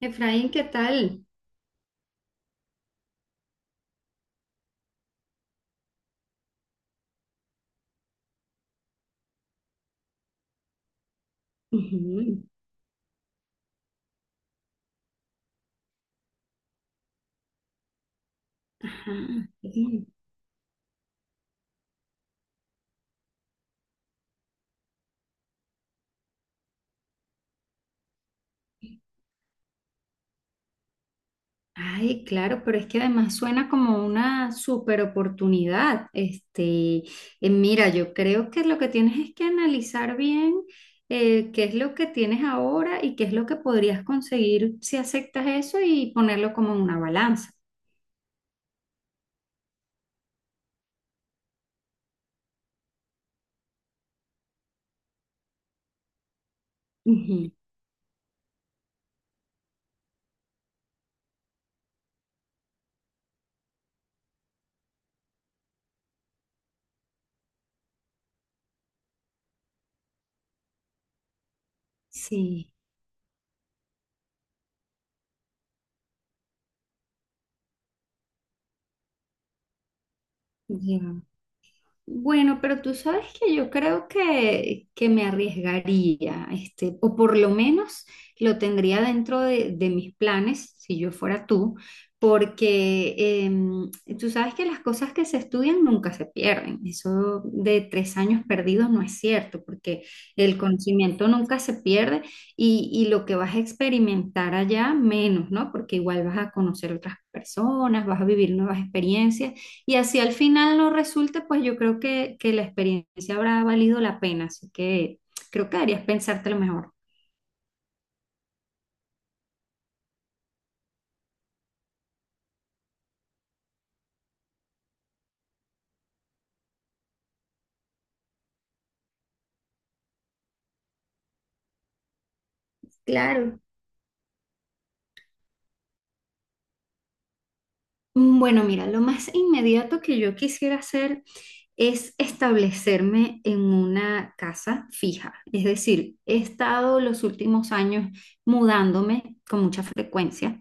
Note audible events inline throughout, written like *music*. Efraín, ¿qué tal? Ujú. Ajá, bien. Ay, claro, pero es que además suena como una super oportunidad. Este, mira, yo creo que lo que tienes es que analizar bien qué es lo que tienes ahora y qué es lo que podrías conseguir si aceptas eso y ponerlo como en una balanza. Ujú. Sí, ya. Bueno, pero tú sabes que yo creo que, me arriesgaría, este, o por lo menos lo tendría dentro de mis planes, si yo fuera tú, porque tú sabes que las cosas que se estudian nunca se pierden. Eso de 3 años perdidos no es cierto, porque el conocimiento nunca se pierde y lo que vas a experimentar allá menos, ¿no? Porque igual vas a conocer otras personas, vas a vivir nuevas experiencias. Y así al final no resulte, pues yo creo que la experiencia habrá valido la pena, así que creo que deberías pensártelo mejor. Claro. Bueno, mira, lo más inmediato que yo quisiera hacer es establecerme en una casa fija. Es decir, he estado los últimos años mudándome con mucha frecuencia.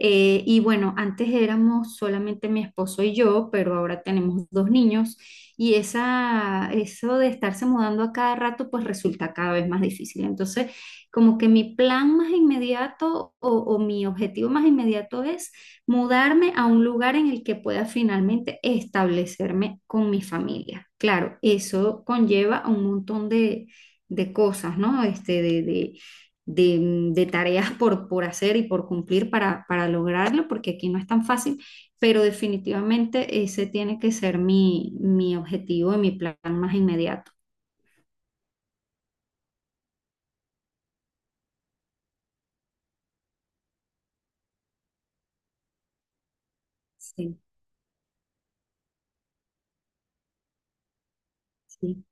Y bueno, antes éramos solamente mi esposo y yo, pero ahora tenemos dos niños y eso de estarse mudando a cada rato pues resulta cada vez más difícil. Entonces, como que mi plan más inmediato o mi objetivo más inmediato es mudarme a un lugar en el que pueda finalmente establecerme con mi familia. Claro, eso conlleva a un montón de cosas, ¿no? Este, de tareas *laughs* por hacer y por cumplir para lograrlo, porque aquí no es tan fácil, pero definitivamente ese tiene que ser mi, mi objetivo y mi plan más inmediato. Sí, sí.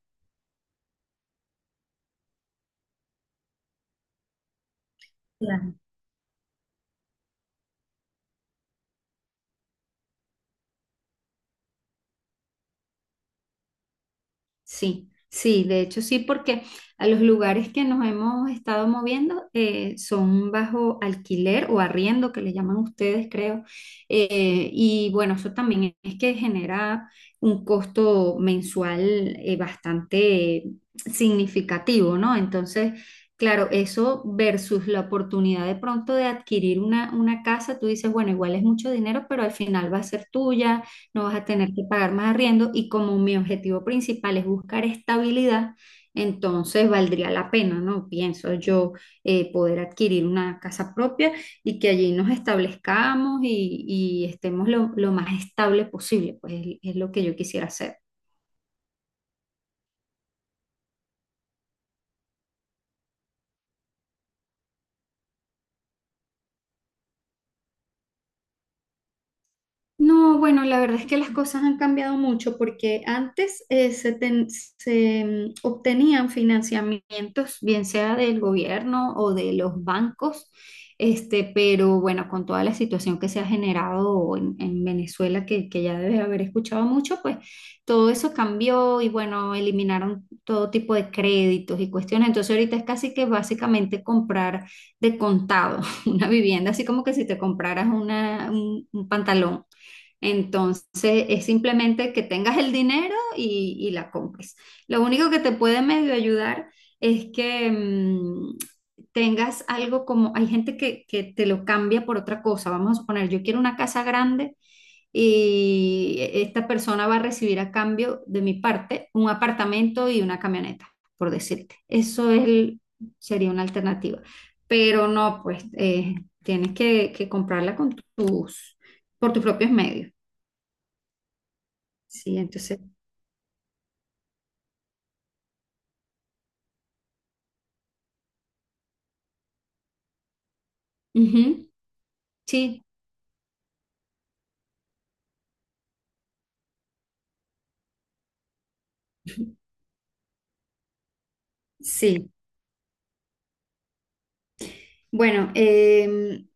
Sí, sí, de hecho sí, porque a los lugares que nos hemos estado moviendo son bajo alquiler o arriendo, que le llaman ustedes, creo. Y bueno, eso también es que genera un costo mensual bastante significativo, ¿no? Entonces, claro, eso versus la oportunidad de pronto de adquirir una casa, tú dices, bueno, igual es mucho dinero, pero al final va a ser tuya. No vas a tener que pagar más arriendo y como mi objetivo principal es buscar estabilidad, entonces valdría la pena, ¿no? Pienso yo poder adquirir una casa propia y que allí nos establezcamos y estemos lo más estable posible, pues es lo que yo quisiera hacer. No, bueno, la verdad es que las cosas han cambiado mucho porque antes se, ten- se, mm, obtenían financiamientos, bien sea del gobierno o de los bancos, este, pero bueno, con toda la situación que se ha generado en Venezuela, que ya debes haber escuchado mucho, pues todo eso cambió y bueno, eliminaron todo tipo de créditos y cuestiones. Entonces ahorita es casi que básicamente comprar de contado *laughs* una vivienda, así como que si te compraras una, un pantalón. Entonces es simplemente que tengas el dinero y la compres. Lo único que te puede medio ayudar es que tengas algo como, hay gente que te lo cambia por otra cosa. Vamos a suponer, yo quiero una casa grande y esta persona va a recibir a cambio de mi parte un apartamento y una camioneta, por decirte. Sería una alternativa. Pero no, pues tienes que comprarla con por tus propios medios. Sí, entonces, ujú, sí. Sí. Bueno,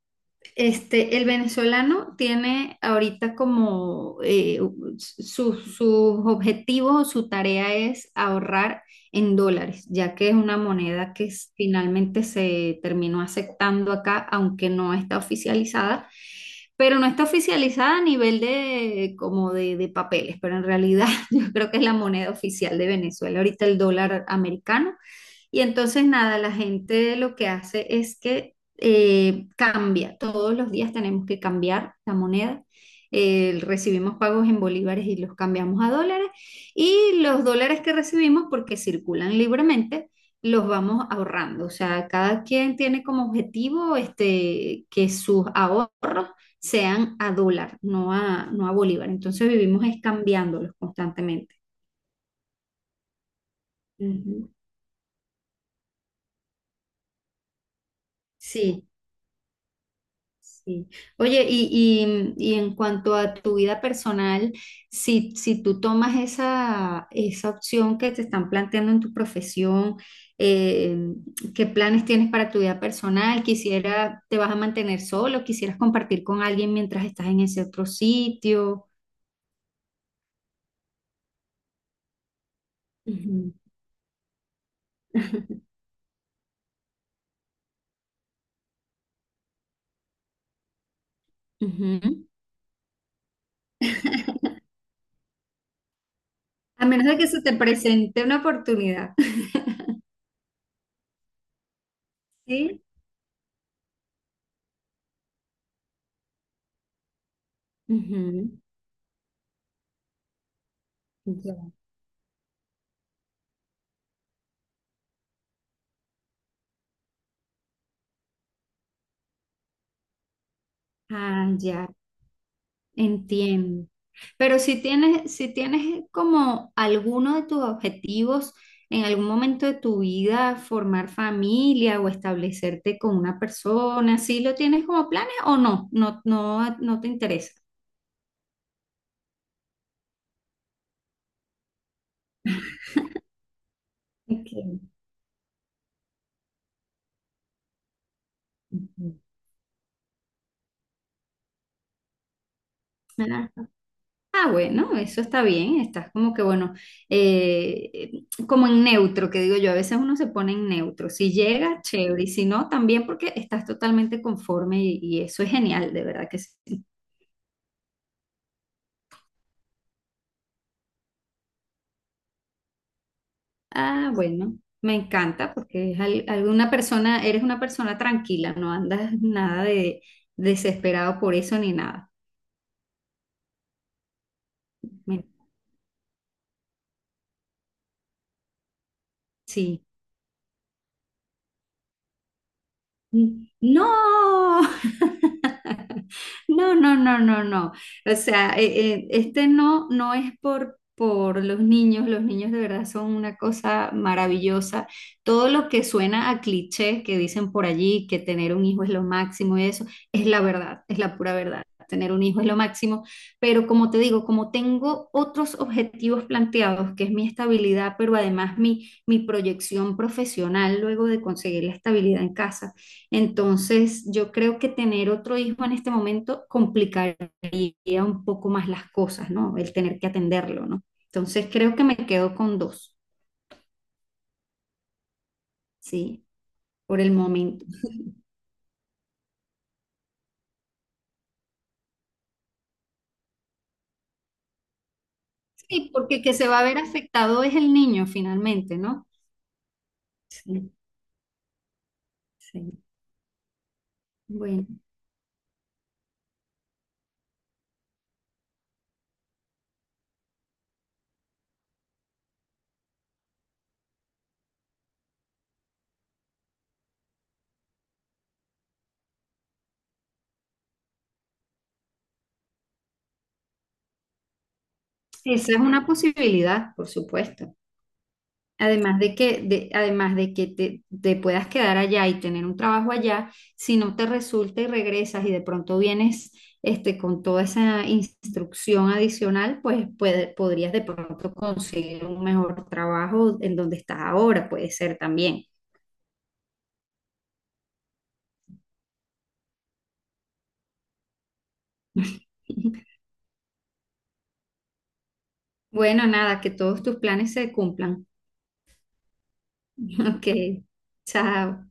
este, el venezolano tiene ahorita como sus objetivos, su tarea es ahorrar en dólares, ya que es una moneda que finalmente se terminó aceptando acá, aunque no está oficializada, pero no está oficializada a nivel de como de papeles, pero en realidad *laughs* yo creo que es la moneda oficial de Venezuela. Ahorita el dólar americano. Y entonces nada, la gente lo que hace es que cambia. Todos los días tenemos que cambiar la moneda. Recibimos pagos en bolívares y los cambiamos a dólares. Y los dólares que recibimos, porque circulan libremente, los vamos ahorrando. O sea, cada quien tiene como objetivo este, que sus ahorros sean a dólar, no a bolívar. Entonces vivimos es cambiándolos constantemente. Ujú. Sí. Sí. Oye, y en cuanto a tu vida personal, si tú tomas esa opción que te están planteando en tu profesión, eh, ¿qué planes tienes para tu vida personal? Quisiera, ¿te vas a mantener solo? ¿Quisieras compartir con alguien mientras estás en ese otro sitio? Ujú. *laughs* Ujú. A menos de que se te presente una oportunidad. *laughs* ¿Sí? Ujú. Ya. Ah, ya. Entiendo. Pero si tienes como alguno de tus objetivos en algún momento de tu vida, formar familia o establecerte con una persona, ¿sí lo tienes como planes o no? No, no, no te interesa. Ok. Ujú. Ah, ah, bueno, eso está bien. Estás como que, bueno, como en neutro, que digo yo, a veces uno se pone en neutro. Si llega, chévere, y si no, también porque estás totalmente conforme y eso es genial, de verdad que sí. Ah, bueno, me encanta porque es al- alguna persona, eres una persona tranquila, no andas nada de desesperado por eso ni nada. Me- sí. No, *laughs* *laughs* no, no, no, no, no. O sea, este no, no es por los niños. Los niños de verdad son una cosa maravillosa. Todo lo que suena a clichés que dicen por allí, que tener un hijo es lo máximo y eso, es la verdad, es la pura verdad. Tener un hijo es lo máximo. Pero como te digo, como tengo otros objetivos planteados, que es mi estabilidad, pero además mi, mi proyección profesional luego de conseguir la estabilidad en casa. Entonces, yo creo que tener otro hijo en este momento complicaría un poco más las cosas, ¿no? El tener que atenderlo, ¿no? Entonces, creo que me quedo con dos, ¿sí? Por el momento. Sí, porque que se va a ver afectado es el niño finalmente, ¿no? Sí, sí. Bueno, esa es una posibilidad, por supuesto. Además de que, además de que te puedas quedar allá y tener un trabajo allá, si no te resulta y regresas y de pronto vienes este, con toda esa instrucción adicional, pues podrías de pronto conseguir un mejor trabajo en donde estás ahora, puede ser también. *laughs* Bueno, nada, que todos tus planes se cumplan. *laughs* Ok, chao.